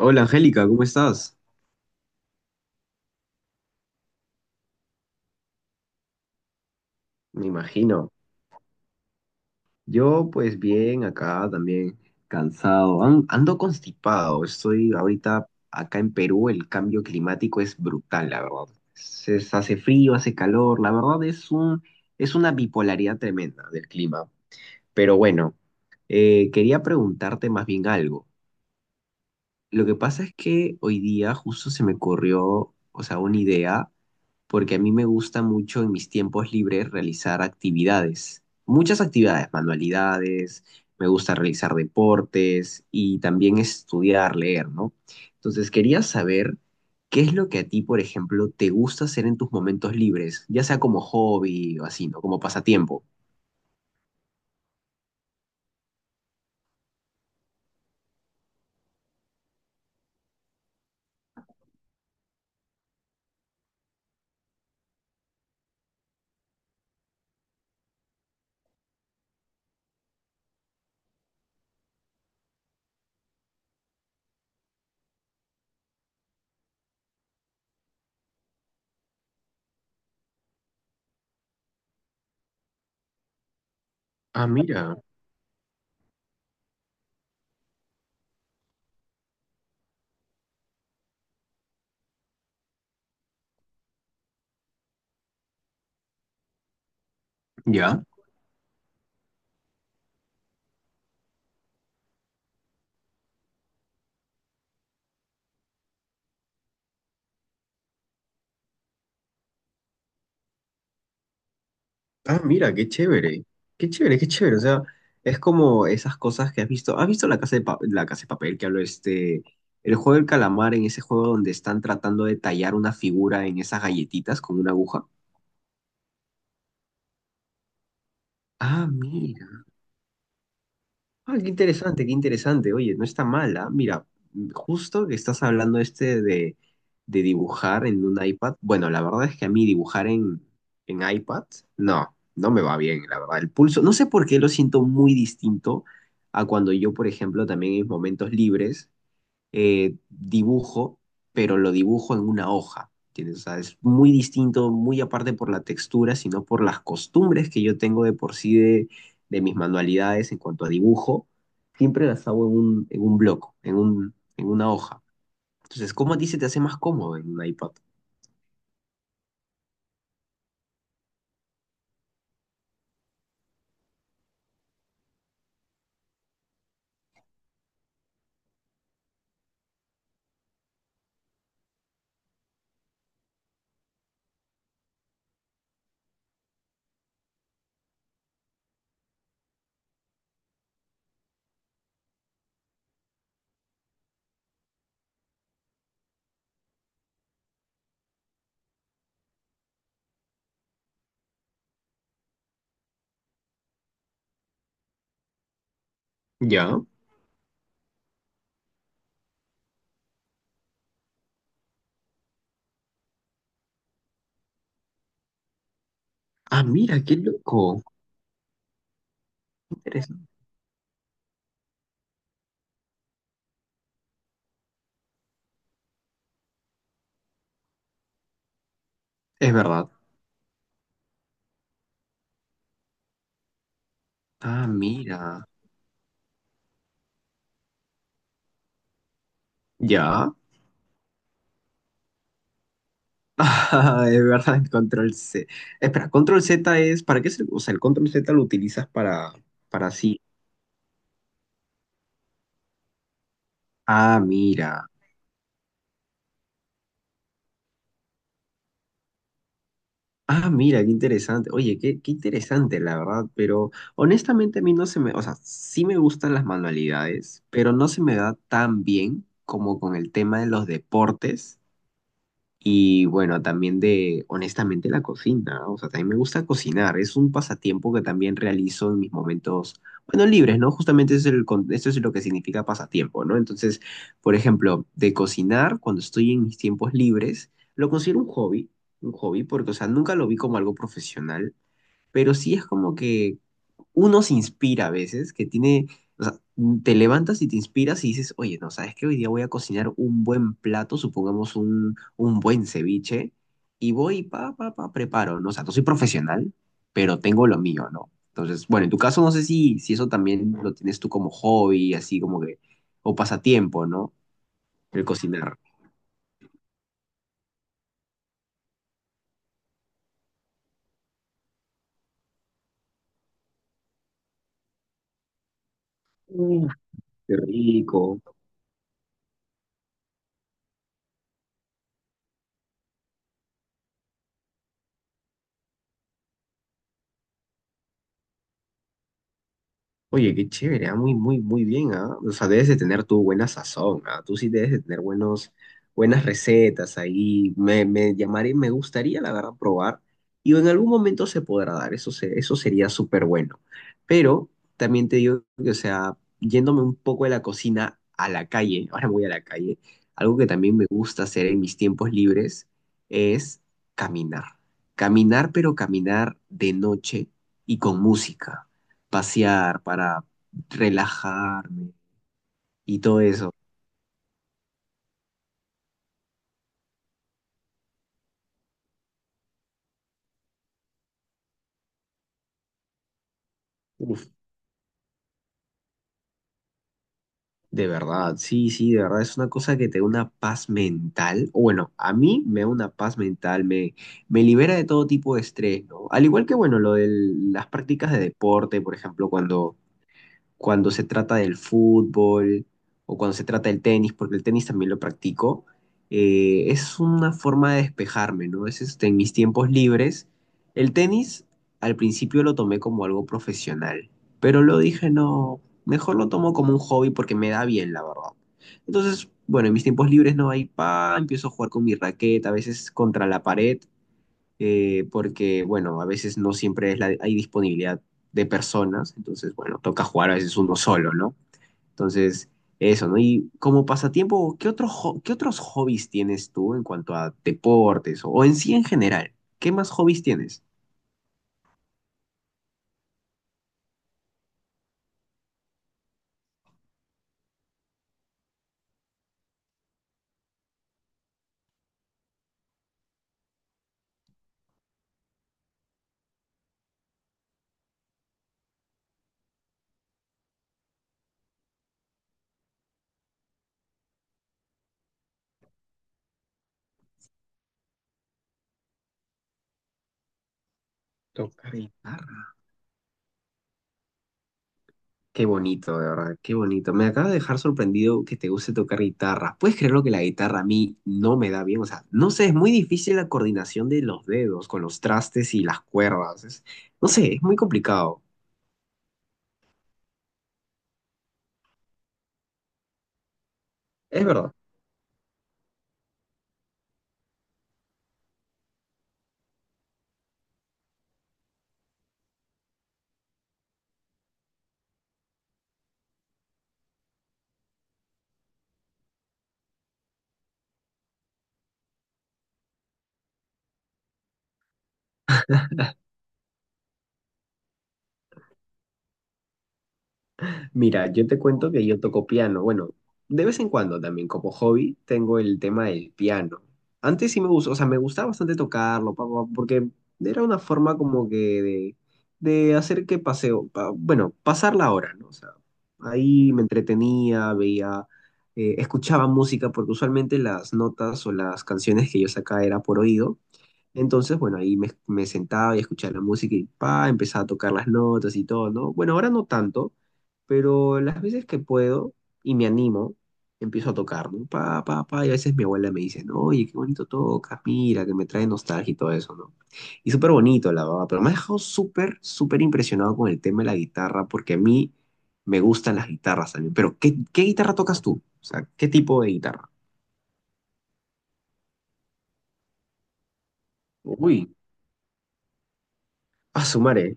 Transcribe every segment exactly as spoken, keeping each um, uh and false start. Hola Angélica, ¿cómo estás? Me imagino. Yo, pues bien, acá también cansado. An- Ando constipado. Estoy ahorita acá en Perú. El cambio climático es brutal, la verdad. Se, se hace frío, hace calor. La verdad es un, es una bipolaridad tremenda del clima. Pero bueno, eh, quería preguntarte más bien algo. Lo que pasa es que hoy día justo se me ocurrió, o sea, una idea, porque a mí me gusta mucho en mis tiempos libres realizar actividades, muchas actividades, manualidades, me gusta realizar deportes y también estudiar, leer, ¿no? Entonces quería saber qué es lo que a ti, por ejemplo, te gusta hacer en tus momentos libres, ya sea como hobby o así, ¿no? Como pasatiempo. Ah, mira, ya. Ah, mira, qué chévere, qué chévere, qué chévere. O sea, es como esas cosas que has visto. ¿Has visto la casa de, Pa- la casa de papel que habló este, el juego del calamar en ese juego donde están tratando de tallar una figura en esas galletitas con una aguja? Ah, mira. Ah, qué interesante, qué interesante. Oye, no está mala. Mira, justo que estás hablando este de, de dibujar en un iPad. Bueno, la verdad es que a mí dibujar en, en iPad, no, no me va bien, la verdad. El pulso, no sé por qué lo siento muy distinto a cuando yo, por ejemplo, también en momentos libres eh, dibujo, pero lo dibujo en una hoja, ¿entiendes? O sea, es muy distinto, muy aparte por la textura, sino por las costumbres que yo tengo de por sí de, de mis manualidades en cuanto a dibujo, siempre las hago en un, en un bloco, en un, en una hoja. Entonces, ¿cómo a ti se te hace más cómodo en un iPad? Ya. Ah, mira, qué loco. Interesante. Es verdad. Ah, mira. Ya. Ah, es verdad, el control C. Espera, control Z es, ¿para qué se, o sea, el control Z lo utilizas para, para sí. Ah, mira. Ah, mira, qué interesante. Oye, qué, qué interesante, la verdad, pero honestamente a mí no se me, o sea, sí me gustan las manualidades, pero no se me da tan bien como con el tema de los deportes. Y bueno, también de, honestamente, la cocina. ¿No? O sea, también me gusta cocinar. Es un pasatiempo que también realizo en mis momentos, bueno, libres, ¿no? Justamente eso es el, con- eso es lo que significa pasatiempo, ¿no? Entonces, por ejemplo, de cocinar, cuando estoy en mis tiempos libres, lo considero un hobby, un hobby, porque, o sea, nunca lo vi como algo profesional, pero sí es como que uno se inspira a veces, que tiene, o sea, mm, te levantas y te inspiras y dices, oye, no, ¿sabes qué? Hoy día voy a cocinar un buen plato, supongamos un, un buen ceviche, y voy, pa, pa, pa, preparo, ¿no? O sea, no soy profesional, pero tengo lo mío, ¿no? Entonces, bueno, en tu caso no sé si, si eso también lo tienes tú como hobby, así como que, o pasatiempo, ¿no? El cocinar. Mm. Qué rico. Oye, qué chévere, ah, muy, muy, muy bien, ¿ah? O sea, debes de tener tu buena sazón, ¿ah? Tú sí debes de tener buenos, buenas recetas ahí. Me, me llamaré, me gustaría, la verdad, probar. Y en algún momento se podrá dar, eso, se- eso sería súper bueno. Pero también te digo que, o sea, yéndome un poco de la cocina a la calle, ahora me voy a la calle, algo que también me gusta hacer en mis tiempos libres es caminar. Caminar, pero caminar de noche y con música pasear, para relajarme y todo eso. Uf, de verdad, sí, sí, de verdad, es una cosa que te da una paz mental. O bueno, a mí me da una paz mental, me, me libera de todo tipo de estrés, ¿no? Al igual que, bueno, lo de las prácticas de deporte, por ejemplo, cuando cuando se trata del fútbol o cuando se trata del tenis, porque el tenis también lo practico, eh, es una forma de despejarme, ¿no? Es este, en mis tiempos libres. El tenis al principio lo tomé como algo profesional, pero lo dije, no, mejor lo tomo como un hobby porque me da bien, la verdad. Entonces, bueno, en mis tiempos libres no hay pa, empiezo a jugar con mi raqueta, a veces contra la pared, eh, porque, bueno, a veces no siempre es la- hay disponibilidad de personas, entonces, bueno, toca jugar a veces uno solo, ¿no? Entonces, eso, ¿no? Y como pasatiempo, ¿qué otro ho- qué otros hobbies tienes tú en cuanto a deportes o, o en sí en general? ¿Qué más hobbies tienes? Guitarra. Qué bonito, de verdad, qué bonito. Me acaba de dejar sorprendido que te guste tocar guitarra. ¿Puedes creerlo que la guitarra a mí no me da bien? O sea, no sé, es muy difícil la coordinación de los dedos con los trastes y las cuerdas. Es- no sé, es muy complicado. Es verdad. Mira, yo te cuento que yo toco piano. Bueno, de vez en cuando también como hobby tengo el tema del piano. Antes sí me gustó, o sea, me gustaba bastante tocarlo, pa, pa, porque era una forma como que de, de hacer que paseo, pa- bueno, pasar la hora, ¿no? O sea, ahí me entretenía, veía, eh, escuchaba música, porque usualmente las notas o las canciones que yo sacaba era por oído. Entonces, bueno, ahí me, me sentaba y escuchaba la música y pa, empezaba a tocar las notas y todo, ¿no? Bueno, ahora no tanto, pero las veces que puedo y me animo, empiezo a tocar, ¿no? Pa, pa, pa, y a veces mi abuela me dice, no, oye, qué bonito tocas, mira, que me trae nostalgia y todo eso, ¿no? Y súper bonito, la verdad, pero me ha dejado súper, súper impresionado con el tema de la guitarra, porque a mí me gustan las guitarras también, pero ¿qué, qué guitarra tocas tú? O sea, ¿qué tipo de guitarra? Uy, a sumaré.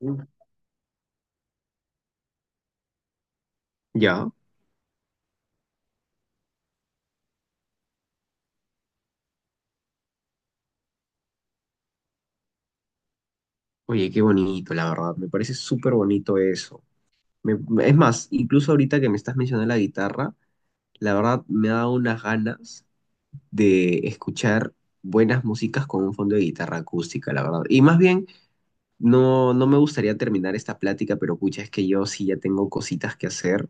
Uy, ya. Oye, qué bonito, la verdad. Me parece súper bonito eso. Me- me- es más, incluso ahorita que me estás mencionando la guitarra, la verdad me ha dado unas ganas de escuchar buenas músicas con un fondo de guitarra acústica, la verdad. Y más bien, no, no me gustaría terminar esta plática, pero pucha, es que yo sí ya tengo cositas que hacer.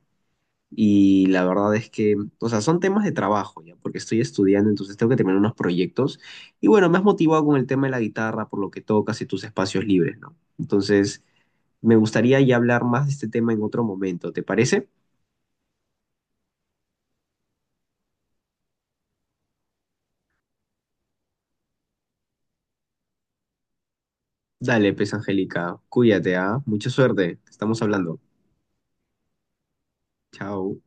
Y la verdad es que, o sea, son temas de trabajo ya, porque estoy estudiando, entonces tengo que terminar unos proyectos. Y bueno, me has motivado con el tema de la guitarra, por lo que tocas y tus espacios libres, ¿no? Entonces. Me gustaría ya hablar más de este tema en otro momento, ¿te parece? Dale, pues, Angélica, cuídate, ¿ah? Mucha suerte, estamos hablando. Chao.